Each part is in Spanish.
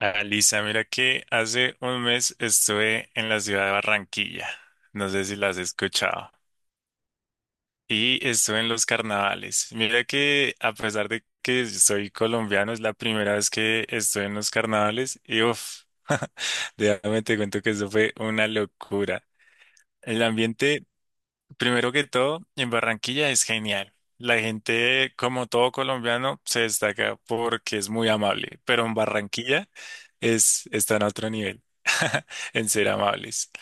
Alisa, mira que hace un mes estuve en la ciudad de Barranquilla, no sé si la has escuchado, y estuve en los carnavales. Mira que a pesar de que soy colombiano, es la primera vez que estoy en los carnavales y uff, déjame te cuento que eso fue una locura. El ambiente Primero que todo, en Barranquilla es genial. La gente, como todo colombiano, se destaca porque es muy amable, pero en Barranquilla está en otro nivel, en ser amables.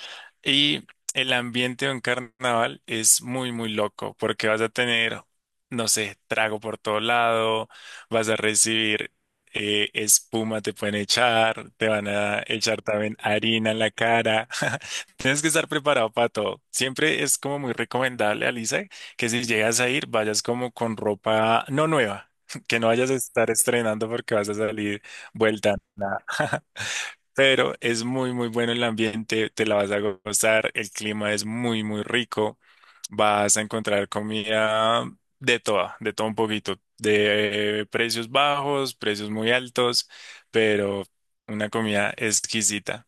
Y el ambiente en carnaval es muy, muy loco porque vas a tener, no sé, trago por todo lado, vas a recibir espuma, te pueden echar, te van a echar también harina en la cara. Tienes que estar preparado para todo. Siempre es como muy recomendable, Alisa, que si llegas a ir, vayas como con ropa no nueva, que no vayas a estar estrenando porque vas a salir vuelta nada. Pero es muy, muy bueno el ambiente, te la vas a gozar, el clima es muy, muy rico, vas a encontrar comida de todo un poquito, de precios bajos, precios muy altos, pero una comida exquisita.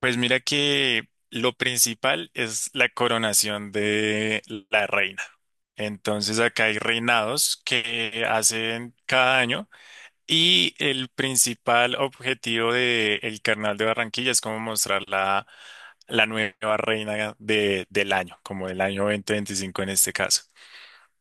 Pues mira que lo principal es la coronación de la reina. Entonces acá hay reinados que hacen cada año y el principal objetivo del Carnaval de Barranquilla es como mostrar la nueva reina del año 2025 en este caso.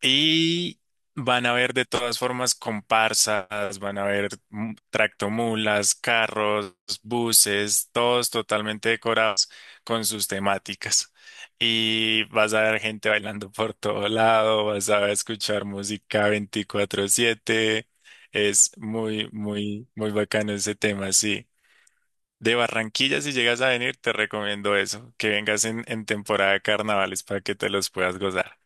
Y van a ver de todas formas comparsas, van a ver tractomulas, carros, buses, todos totalmente decorados con sus temáticas. Y vas a ver gente bailando por todo lado, vas a escuchar música 24/7. Es muy, muy, muy bacano ese tema, sí. De Barranquilla, si llegas a venir, te recomiendo eso, que vengas en temporada de carnavales para que te los puedas gozar.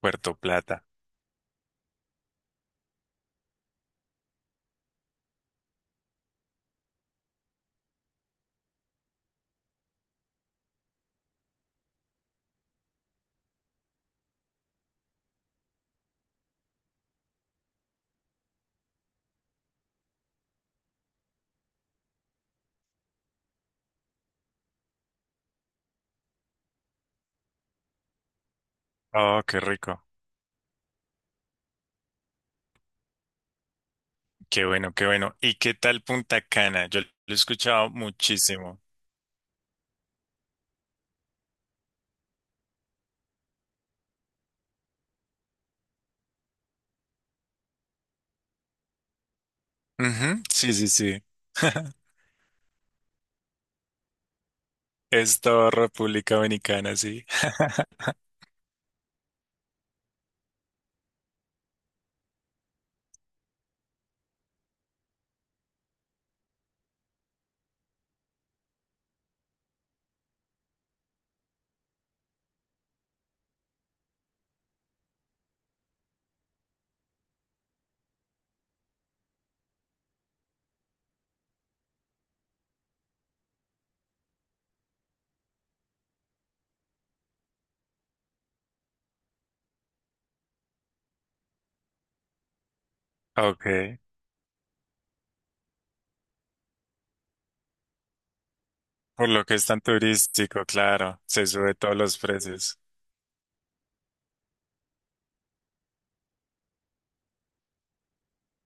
Puerto Plata. Oh, qué rico. Qué bueno, qué bueno. ¿Y qué tal Punta Cana? Yo lo he escuchado muchísimo. Ujú, sí, sí, sí. Es toda República Dominicana, sí. Ok. Por lo que es tan turístico, claro. Se sube todos los precios.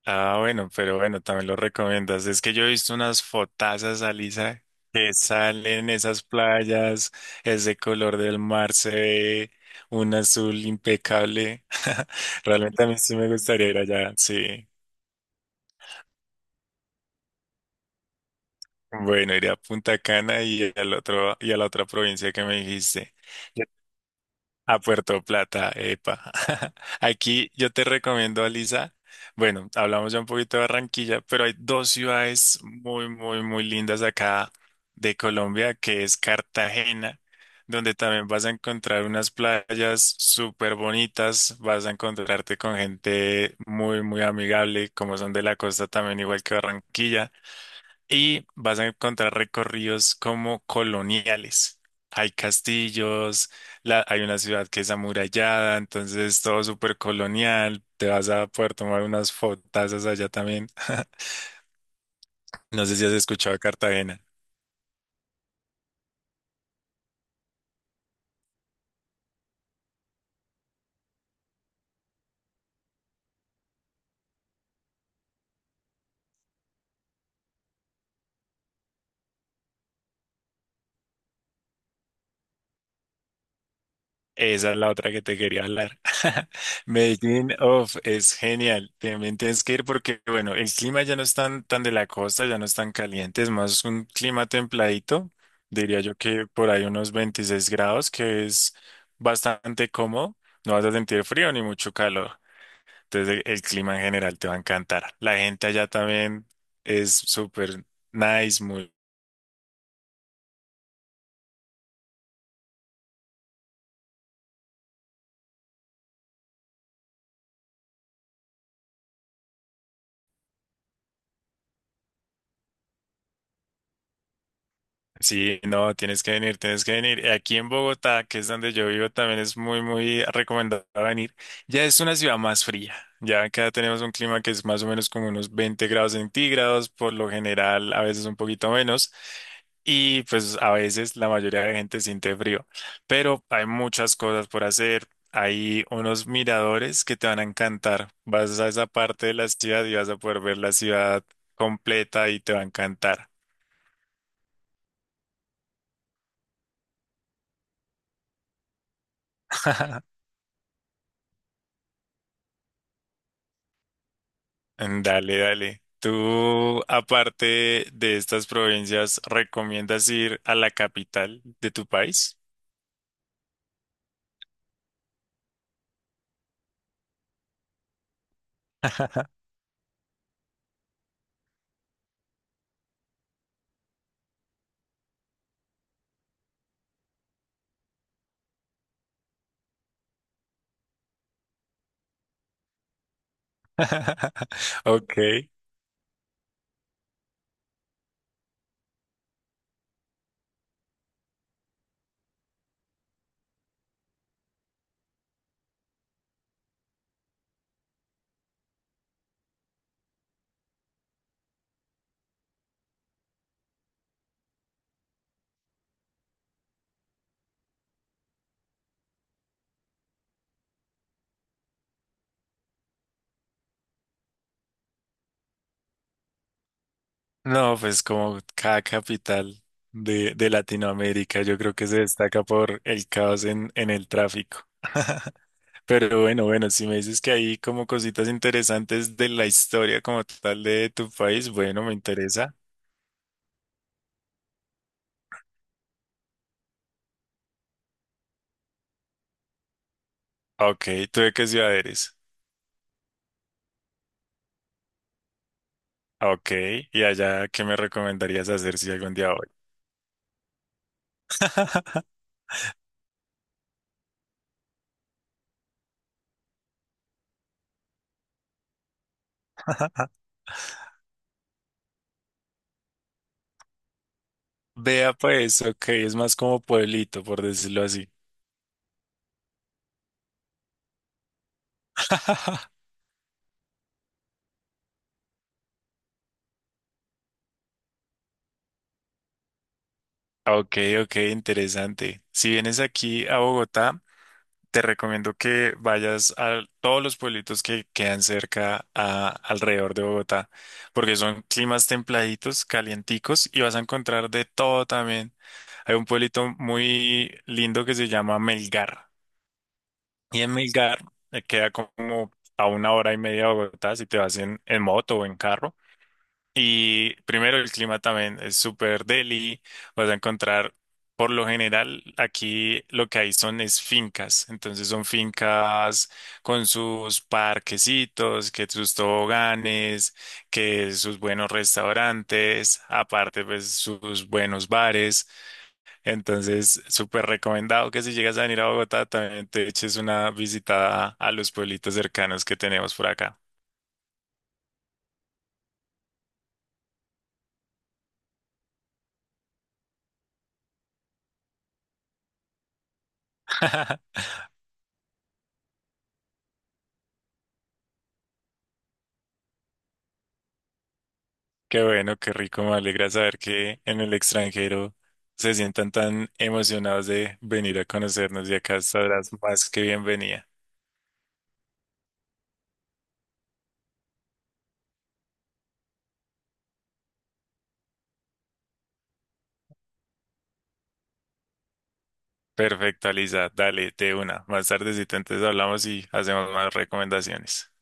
Ah, bueno, pero bueno, también lo recomiendas. Es que yo he visto unas fotazas, Alisa, que salen esas playas, ese color del mar se ve un azul impecable. Realmente a mí sí me gustaría ir allá, sí. Bueno, iré a Punta Cana y a la otra provincia que me dijiste. Yo- A Puerto Plata, epa. Aquí yo te recomiendo, Alisa. Bueno, hablamos ya un poquito de Barranquilla, pero hay dos ciudades muy, muy, muy lindas acá de Colombia, que es Cartagena, donde también vas a encontrar unas playas súper bonitas, vas a encontrarte con gente muy, muy amigable, como son de la costa también, igual que Barranquilla y vas a encontrar recorridos como coloniales. Hay castillos, hay una ciudad que es amurallada, entonces todo súper colonial. Te vas a poder tomar unas fotazas allá también. No sé si has escuchado de Cartagena. Esa es la otra que te quería hablar. Medellín, of es genial. También tienes que ir porque, bueno, el clima ya no es tan de la costa, ya no es tan caliente, es más un clima templadito. Diría yo que por ahí unos 26 grados, que es bastante cómodo. No vas a sentir frío ni mucho calor. Entonces, el clima en general te va a encantar. La gente allá también es súper nice, muy Sí, no, tienes que venir, tienes que venir. Aquí en Bogotá, que es donde yo vivo, también es muy, muy recomendado venir. Ya es una ciudad más fría. Ya acá tenemos un clima que es más o menos como unos 20 grados centígrados, por lo general, a veces un poquito menos. Y pues a veces la mayoría de la gente siente frío. Pero hay muchas cosas por hacer. Hay unos miradores que te van a encantar. Vas a esa parte de la ciudad y vas a poder ver la ciudad completa y te va a encantar. Dale, dale. ¿Tú, aparte de estas provincias, recomiendas ir a la capital de tu país? Ok. No, pues como cada capital de Latinoamérica, yo creo que se destaca por el caos en el tráfico. Pero bueno, bueno, si me dices que hay como cositas interesantes de la historia como tal de tu país, bueno, me interesa. Ok, ¿tú de qué ciudad eres? Ok, y allá, ¿qué me recomendarías hacer si algún día voy? Vea pues, ok, es más como pueblito, por decirlo así. Ok, ok, interesante. Si vienes aquí a Bogotá, te recomiendo que vayas a todos los pueblitos que quedan alrededor de Bogotá, porque son climas templaditos, calienticos, y vas a encontrar de todo también. Hay un pueblito muy lindo que se llama Melgar. Y en Milgar queda como a una hora y media de Bogotá si te vas en moto o en carro. Y primero el clima también es súper deli. Vas a encontrar, por lo general, aquí lo que hay son es fincas. Entonces son fincas con sus parquecitos, que sus toboganes, que sus buenos restaurantes, aparte pues sus buenos bares. Entonces, súper recomendado que si llegas a venir a Bogotá, también te eches una visitada a los pueblitos cercanos que tenemos por acá. Qué bueno, qué rico, me alegra saber que en el extranjero se sientan tan emocionados de venir a conocernos y acá estarás más que bienvenida. Perfecto, Alisa, dale, de una. Más tardecito entonces hablamos y hacemos más recomendaciones.